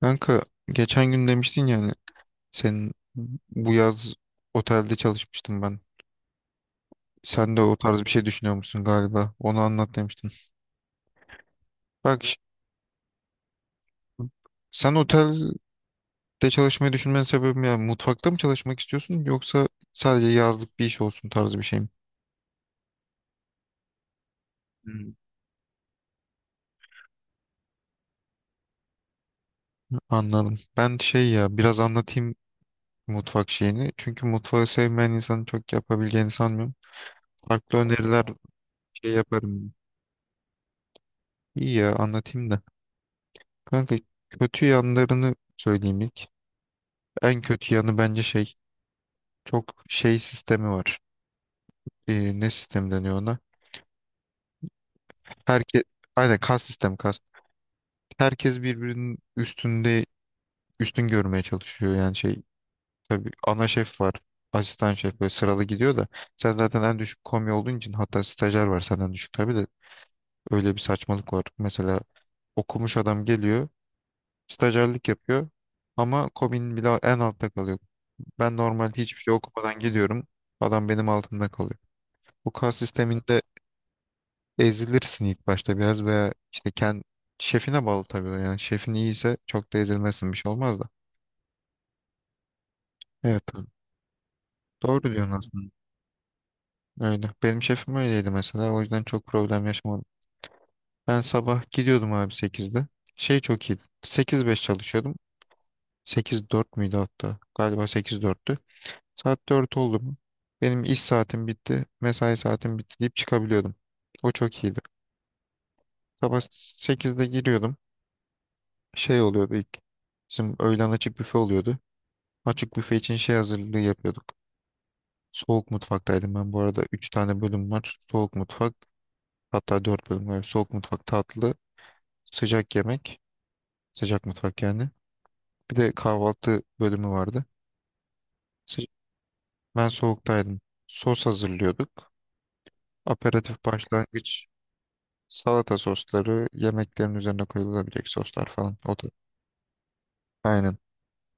Kanka, geçen gün demiştin yani senin bu yaz otelde çalışmıştım ben. Sen de o tarz bir şey düşünüyor musun galiba? Onu anlat demiştin. Bak şi- Sen otelde çalışmayı düşünmenin sebebi yani mutfakta mı çalışmak istiyorsun yoksa sadece yazlık bir iş olsun tarzı bir şey mi? Hmm. Anladım. Ben şey ya biraz anlatayım mutfak şeyini. Çünkü mutfağı sevmeyen insanın çok yapabileceğini sanmıyorum. Farklı öneriler şey yaparım. İyi ya anlatayım da. Kanka, kötü yanlarını söyleyeyim ilk. En kötü yanı bence şey çok şey sistemi var. Ne sistemi deniyor ona? Herkes aynen kas sistemi kas. Herkes birbirinin üstünde üstün görmeye çalışıyor yani şey, tabii ana şef var. Asistan şef böyle sıralı gidiyor da sen zaten en düşük komi olduğun için hatta stajyer var senden düşük tabii de öyle bir saçmalık var. Mesela okumuş adam geliyor, stajyerlik yapıyor ama komin bile en altta kalıyor. Ben normalde hiçbir şey okumadan gidiyorum, adam benim altımda kalıyor. Bu kas sisteminde ezilirsin ilk başta biraz veya işte kendi şefine bağlı tabii. o Yani şefin iyiyse çok da ezilmezsin, bir şey olmaz da. Evet, tabii. Doğru diyorsun aslında. Öyle. Benim şefim öyleydi mesela. O yüzden çok problem yaşamadım. Ben sabah gidiyordum abi 8'de. Şey çok iyiydi. Sekiz beş çalışıyordum. Sekiz dört müydü hatta? Galiba sekiz dörttü. Saat 4 oldu mu? Benim iş saatim bitti. Mesai saatim bitti deyip çıkabiliyordum. O çok iyiydi. Sabah 8'de giriyordum. Şey oluyordu ilk. Bizim öğlen açık büfe oluyordu. Açık büfe için şey hazırlığı yapıyorduk. Soğuk mutfaktaydım ben bu arada. Üç tane bölüm var. Soğuk mutfak, hatta dört bölüm var. Soğuk mutfak, tatlı, sıcak yemek, sıcak mutfak yani. Bir de kahvaltı bölümü vardı. Sı- Ben soğuktaydım. Sos hazırlıyorduk. Aperatif başlangıç, salata sosları, yemeklerin üzerine koyulabilecek soslar falan. O da aynen.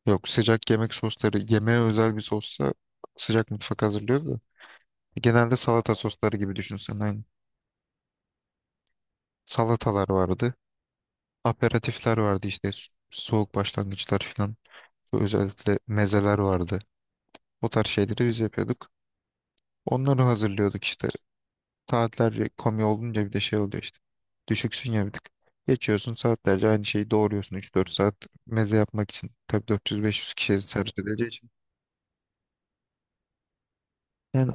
Yok sıcak yemek sosları, yemeğe özel bir sossa sıcak mutfak hazırlıyordu da. Genelde salata sosları gibi düşünsen aynen. Salatalar vardı. Aperatifler vardı işte soğuk başlangıçlar falan. Özellikle mezeler vardı. O tarz şeyleri biz yapıyorduk. Onları hazırlıyorduk işte. Saatlerce komi olunca bir de şey oluyor işte. Düşüksün ya bir tık. Geçiyorsun saatlerce aynı şeyi doğruyorsun 3-4 saat meze yapmak için. Tabii 400-500 kişiye servis edeceği için. Yani,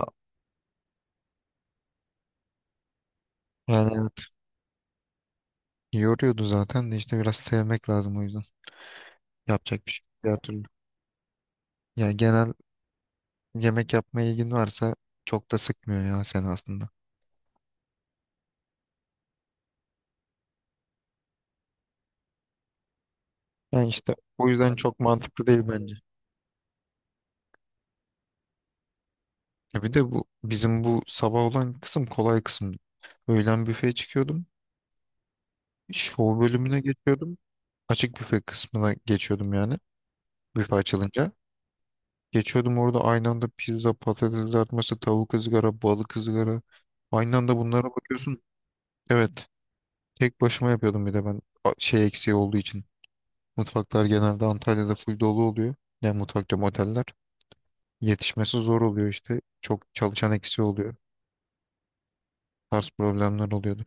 yani, evet, yoruyordu zaten de işte biraz sevmek lazım o yüzden. Yapacak bir şey yok diğer türlü. Yani genel yemek yapma ilgin varsa çok da sıkmıyor ya seni aslında. Yani işte o yüzden yani çok mantıklı değil bence. Ya bir de bu bizim bu sabah olan kısım kolay kısım. Öğlen büfeye çıkıyordum. Show bölümüne geçiyordum. Açık büfe kısmına geçiyordum yani. Büfe açılınca. Geçiyordum orada aynı anda pizza, patates kızartması, tavuk ızgara, balık ızgara. Aynı anda bunlara bakıyorsun. Evet. Tek başıma yapıyordum bir de ben. Şey eksiği olduğu için. Mutfaklar genelde Antalya'da full dolu oluyor. Yani mutfak diyorum oteller. Yetişmesi zor oluyor işte. Çok çalışan eksiği oluyor. Tarz problemler oluyordu.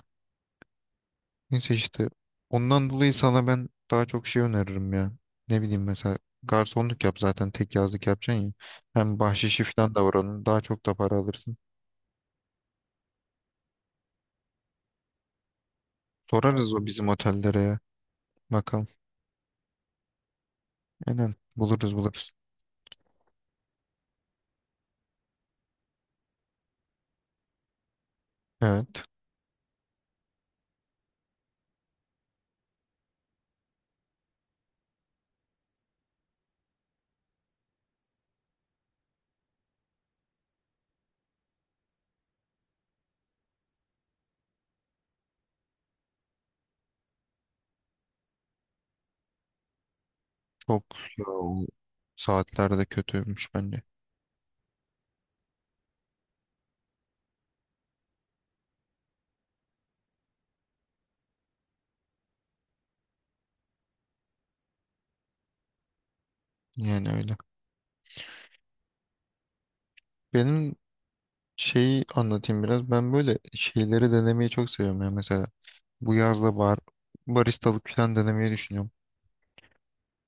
Neyse işte ondan dolayı sana ben daha çok şey öneririm ya. Ne bileyim mesela garsonluk yap zaten tek yazlık yapacaksın ya. Hem bahşişi falan da var onun. Daha çok da para alırsın. Sorarız o bizim otellere ya. Bakalım. Aynen, buluruz buluruz. Evet çok ya, o saatler de kötüymüş bence. Yani öyle. Benim şeyi anlatayım biraz. Ben böyle şeyleri denemeyi çok seviyorum ya mesela. Bu yazda bar, baristalık falan denemeyi düşünüyorum.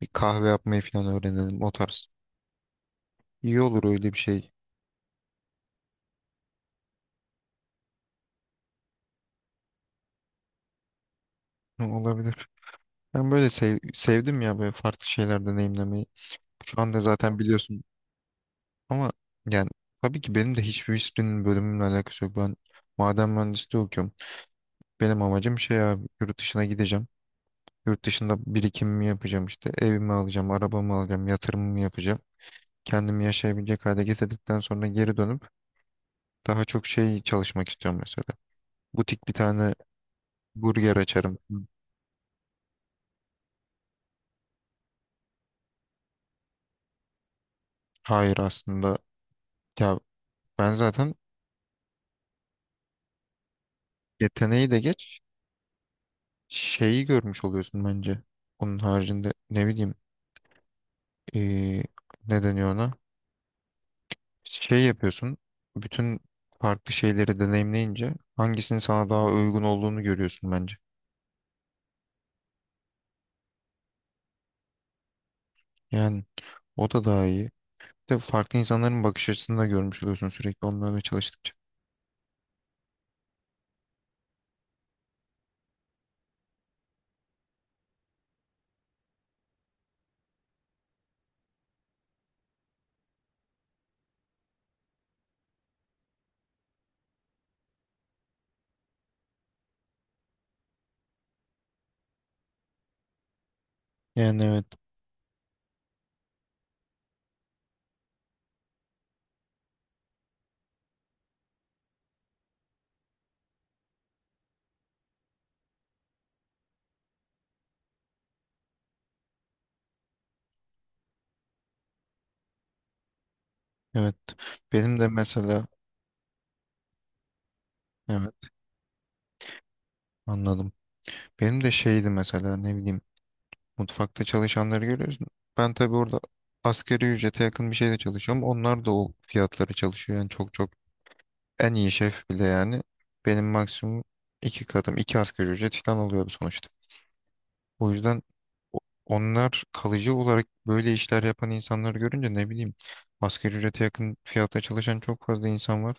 Bir kahve yapmayı falan öğrenelim o tarz. İyi olur öyle bir şey. Hı, olabilir. Ben böyle sevdim ya böyle farklı şeyler deneyimlemeyi. Şu anda zaten biliyorsun ama yani tabii ki benim de hiçbirinin bölümümle alakası yok. Ben maden mühendisliği okuyorum. Benim amacım şey abi yurt dışına gideceğim. Yurt dışında birikimimi yapacağım işte. Evimi alacağım, arabamı alacağım, yatırımımı yapacağım. Kendimi yaşayabilecek hale getirdikten sonra geri dönüp daha çok şey çalışmak istiyorum mesela. Butik bir tane burger açarım. Hayır, aslında ya ben zaten yeteneği de geç şeyi görmüş oluyorsun bence. Onun haricinde ne bileyim eee ne deniyor ona? Şey yapıyorsun bütün farklı şeyleri deneyimleyince hangisinin sana daha uygun olduğunu görüyorsun bence. Yani o da daha iyi. Bir de farklı insanların bakış açısını da görmüş oluyorsun sürekli onlarla çalıştıkça. Yani evet evet, benim de mesela, evet anladım. Benim de şeydi mesela ne bileyim mutfakta çalışanları görüyorsun. Ben tabii orada asgari ücrete yakın bir şeyde çalışıyorum. Onlar da o fiyatlara çalışıyor. Yani çok çok en iyi şef bile yani. Benim maksimum iki katım, iki asgari ücret falan alıyordu sonuçta. O yüzden o- onlar kalıcı olarak böyle işler yapan insanları görünce ne bileyim asgari ücrete yakın fiyatta çalışan çok fazla insan var.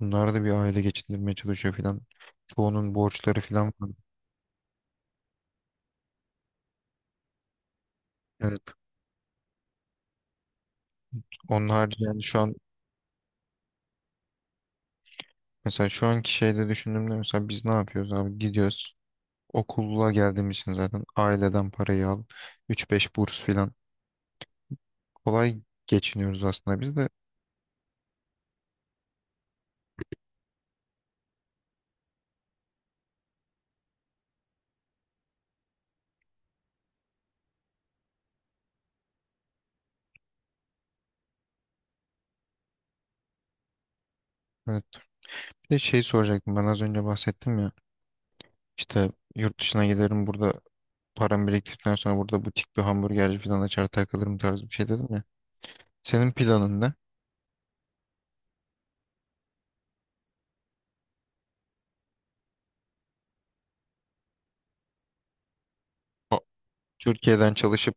Bunlar da bir aile geçindirmeye çalışıyor falan. Çoğunun borçları falan var. Evet. Onun harici yani şu an mesela şu anki şeyde düşündüğümde mesela biz ne yapıyoruz abi? Gidiyoruz. Okula geldiğimiz için zaten aileden parayı al. 3-5 burs filan. Kolay geçiniyoruz aslında biz de. Evet. Bir de şey soracaktım. Ben az önce bahsettim ya. İşte yurt dışına giderim burada param biriktirdikten sonra burada butik bir hamburgerci falan açar takılırım tarzı bir şey dedim ya. Senin planın ne? O- Türkiye'den çalışıp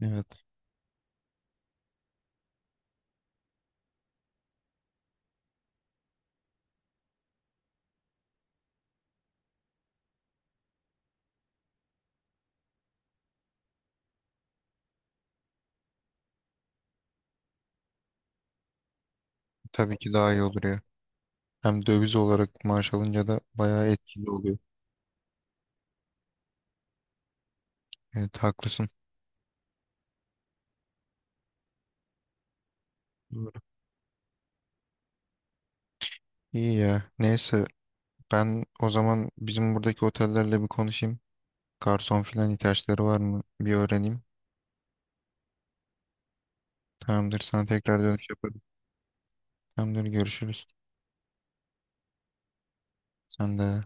evet tabii ki daha iyi olur ya. Hem döviz olarak maaş alınca da bayağı etkili oluyor. Evet haklısın. Doğru. İyi ya. Neyse ben o zaman bizim buradaki otellerle bir konuşayım. Garson filan ihtiyaçları var mı? Bir öğreneyim. Tamamdır, sana tekrar dönüş yaparım. Tamamdır, görüşürüz. Sen de.